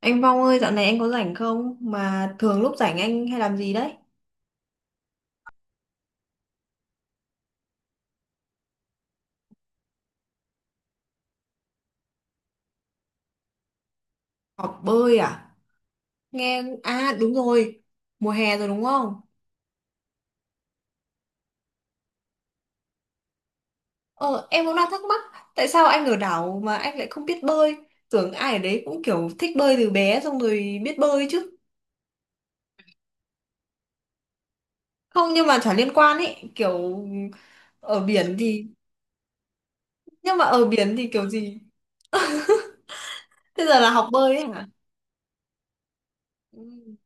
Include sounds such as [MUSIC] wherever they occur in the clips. Anh Vong ơi, dạo này anh có rảnh không? Mà thường lúc rảnh anh hay làm gì đấy? Học bơi à? Nghe... À đúng rồi, mùa hè rồi đúng không? Ờ, em cũng đang thắc mắc, tại sao anh ở đảo mà anh lại không biết bơi? Tưởng ai ở đấy cũng kiểu thích bơi từ bé xong rồi biết bơi chứ. Không, nhưng mà chả liên quan ấy, kiểu ở biển thì... Nhưng mà ở biển thì kiểu gì? Thế giờ là học bơi ấy hả? Ừ.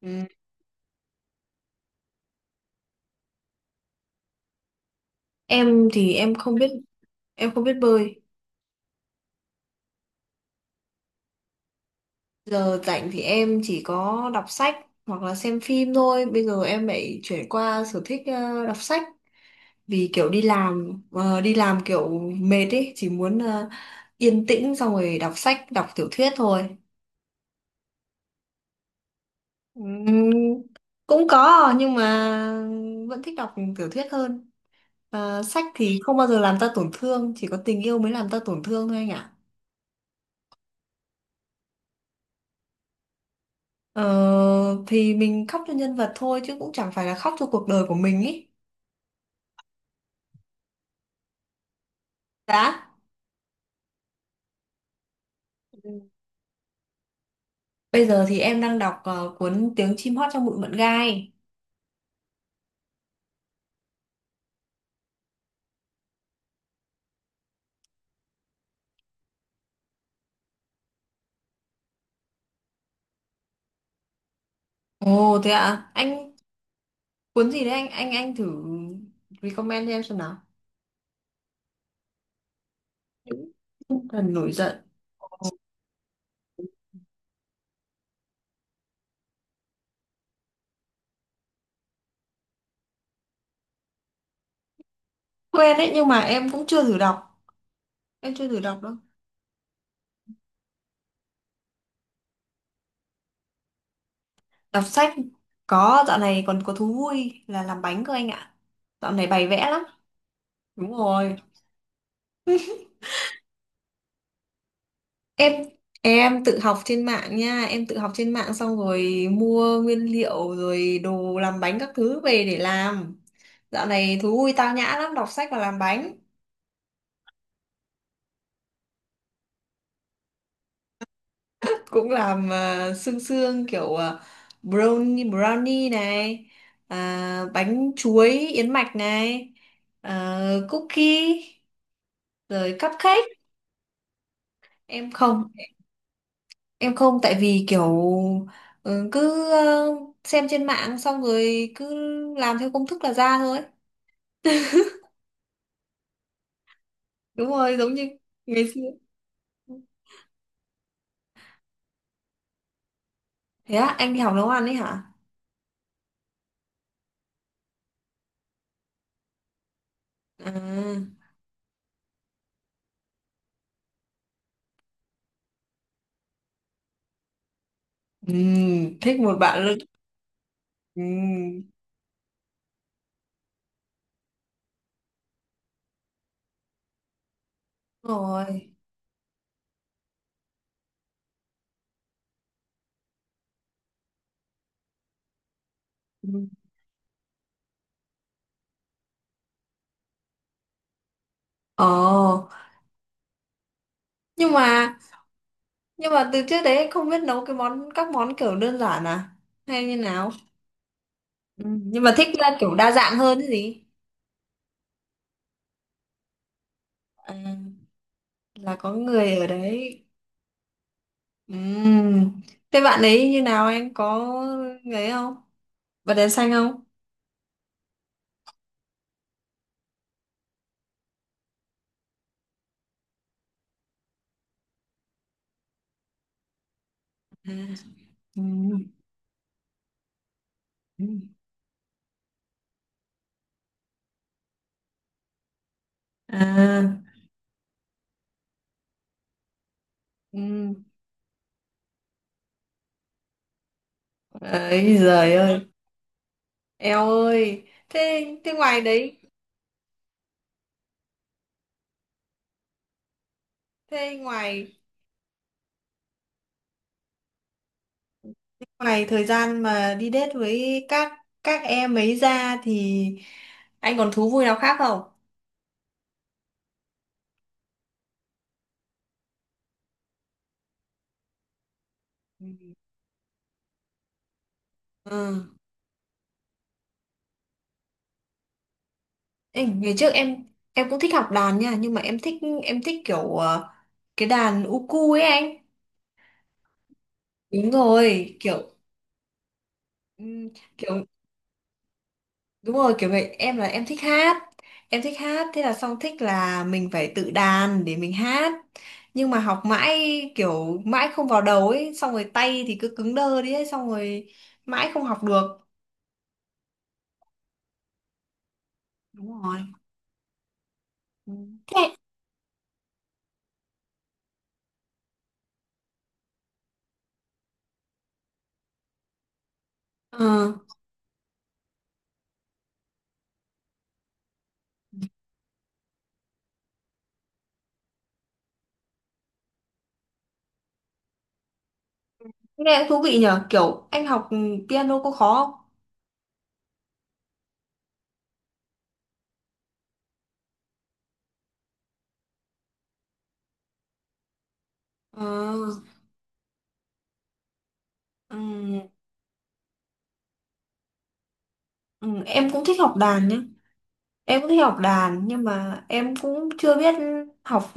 Ừ. Em thì em không biết bơi. Giờ rảnh thì em chỉ có đọc sách hoặc là xem phim thôi. Bây giờ em lại chuyển qua sở thích đọc sách vì kiểu đi làm đi làm kiểu mệt ấy, chỉ muốn yên tĩnh xong rồi đọc sách, đọc tiểu thuyết thôi. Ừm, cũng có nhưng mà vẫn thích đọc tiểu thuyết hơn. Ờ, sách thì không bao giờ làm ta tổn thương, chỉ có tình yêu mới làm ta tổn thương thôi anh ạ. Ờ, thì mình khóc cho nhân vật thôi chứ cũng chẳng phải là khóc cho cuộc đời của mình ý. Đã. Bây giờ thì em đang đọc cuốn Tiếng chim hót trong bụi mận gai. Ồ thế ạ, à? Anh cuốn gì đấy anh anh thử recommend cho em xem nào. Những tinh thần nổi giận. Quen đấy nhưng mà em cũng chưa thử đọc. Em chưa thử đọc đâu. Đọc sách có dạo này còn có thú vui là làm bánh cơ anh ạ. Dạo này bày vẽ lắm. Đúng rồi. em em tự học trên mạng nha, em tự học trên mạng xong rồi mua nguyên liệu rồi đồ làm bánh các thứ về để làm. Dạo này thú vui tao nhã lắm, đọc sách và làm bánh. Cũng làm sương sương kiểu brownie brownie này, à, bánh chuối yến mạch này, cookie rồi cupcake. Em không em không tại vì kiểu ừ, cứ xem trên mạng xong rồi cứ làm theo công thức là ra thôi. Đúng rồi, giống như ngày xưa. Thế á, anh đi học nấu ăn ấy hả? À, thích một bạn luôn. Ừm, đúng rồi. Ừm. Ồ, nhưng mà, nhưng mà từ trước đấy anh không biết nấu cái món, các món kiểu đơn giản à, hay như nào? Nhưng mà thích là kiểu đa dạng hơn cái gì. À, là có người ở đấy. Ừm, thế bạn ấy như nào, anh có người ấy không, bật đèn xanh không? À, ừm, ừm. À. Ấy giời ơi, eo ơi. Thế thế ngoài đấy, thế ngoài ngoài thời gian mà đi date với các em ấy ra thì anh còn thú vui nào khác không? Ừ. Ê, ngày trước em cũng thích học đàn nha, nhưng mà em thích kiểu cái đàn uku ấy anh. Đúng rồi, kiểu ừm, kiểu Đúng rồi, kiểu vậy em là em thích hát. Em thích hát thế là xong thích là mình phải tự đàn để mình hát. Nhưng mà học mãi kiểu mãi không vào đầu ấy, xong rồi tay thì cứ cứng đơ đi ấy, xong rồi mãi không học được. Đúng rồi. Ừ. Thế ờ nghe cũng thú vị nhở, kiểu anh học piano có khó không? Ờ, ừ, ừ, em cũng thích học đàn nhá. Em cũng thích học đàn nhưng mà em cũng chưa biết học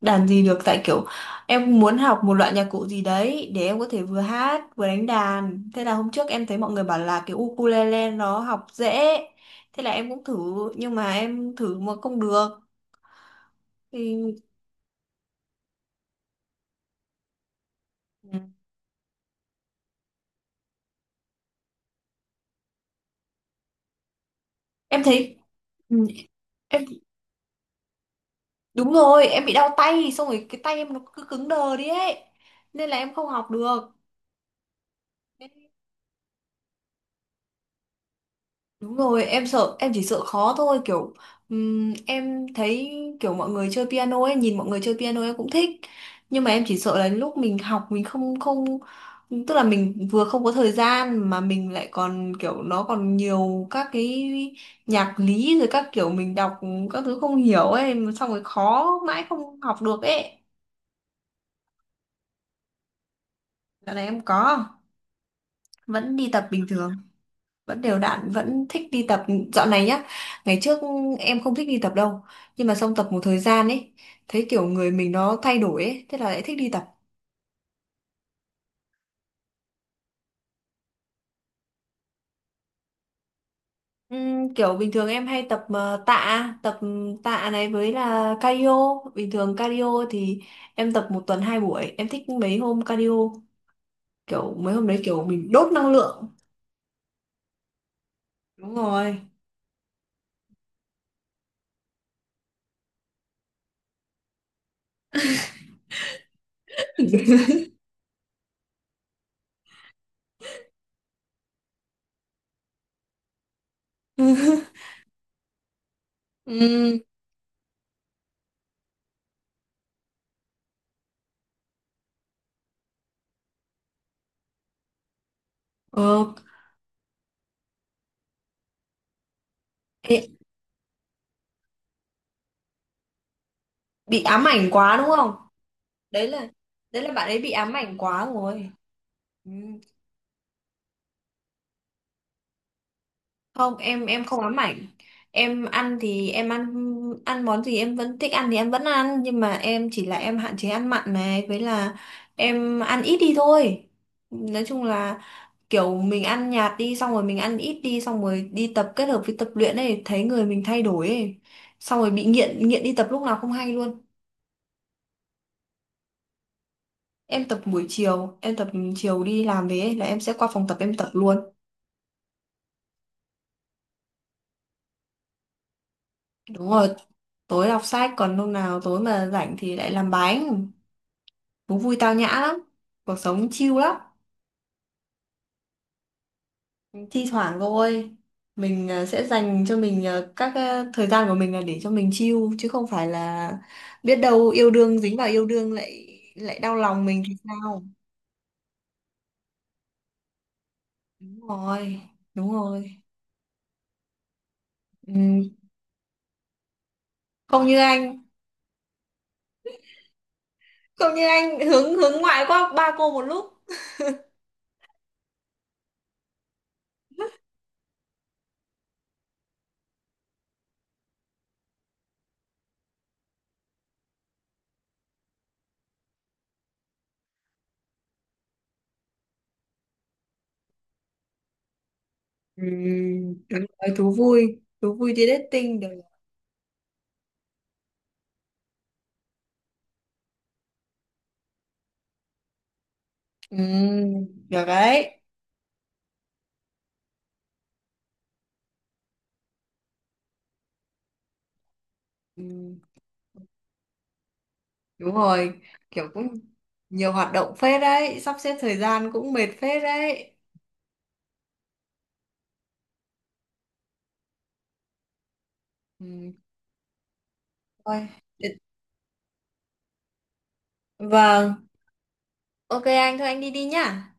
đàn gì được tại kiểu em muốn học một loại nhạc cụ gì đấy để em có thể vừa hát vừa đánh đàn. Thế là hôm trước em thấy mọi người bảo là cái ukulele nó học dễ. Thế là em cũng thử nhưng mà em thử mà không được thì em thấy ừ, em đúng rồi, em bị đau tay xong rồi cái tay em nó cứ cứng đờ đi ấy. Nên là em không học được. Đúng rồi, em sợ, em chỉ sợ khó thôi, kiểu em thấy kiểu mọi người chơi piano ấy, nhìn mọi người chơi piano em cũng thích. Nhưng mà em chỉ sợ là lúc mình học mình không không tức là mình vừa không có thời gian mà mình lại còn kiểu nó còn nhiều các cái nhạc lý rồi các kiểu mình đọc các thứ không hiểu ấy, xong rồi khó mãi không học được ấy. Dạo này em có, vẫn đi tập bình thường. Vẫn đều đặn, vẫn thích đi tập dạo này nhá. Ngày trước em không thích đi tập đâu nhưng mà xong tập một thời gian ấy thấy kiểu người mình nó thay đổi ấy, thế là lại thích đi tập. Kiểu bình thường em hay tập tạ, tập tạ này với là cardio. Bình thường cardio thì em tập một tuần hai buổi, em thích mấy hôm cardio kiểu mấy hôm đấy kiểu mình đốt năng lượng. Đúng rồi. [LAUGHS] Ừm, ờ, ê, bị ám ảnh quá đúng không, đấy là đấy là bạn ấy bị ám ảnh quá rồi. Ừ. Không, em em không ám ảnh, em ăn thì em ăn, ăn món gì em vẫn thích ăn thì em vẫn ăn, nhưng mà em chỉ là em hạn chế ăn mặn này với là em ăn ít đi thôi. Nói chung là kiểu mình ăn nhạt đi xong rồi mình ăn ít đi xong rồi đi tập kết hợp với tập luyện ấy thấy người mình thay đổi ấy, xong rồi bị nghiện, đi tập lúc nào không hay luôn. Em tập buổi chiều, em tập chiều đi làm về ấy, là em sẽ qua phòng tập em tập luôn. Đúng rồi, tối đọc sách còn hôm nào tối mà rảnh thì lại làm bánh. Thú vui tao nhã lắm, cuộc sống chill lắm. Thi thoảng thôi, mình sẽ dành cho mình các thời gian của mình là để cho mình chill chứ không phải là biết đâu yêu đương dính vào yêu đương lại lại đau lòng mình thì sao? Đúng rồi, đúng rồi. Ừm, không như anh, không như anh hướng hướng ngoại quá ba cô một lúc. Ừ, đúng rồi, thú vui đi dating được. Ừ, được đấy. Ừ, đúng rồi, kiểu cũng nhiều hoạt động phết đấy, sắp xếp thời gian cũng mệt phết đấy. Ừ. Thôi. Vâng, ok anh, thôi anh đi đi nhá.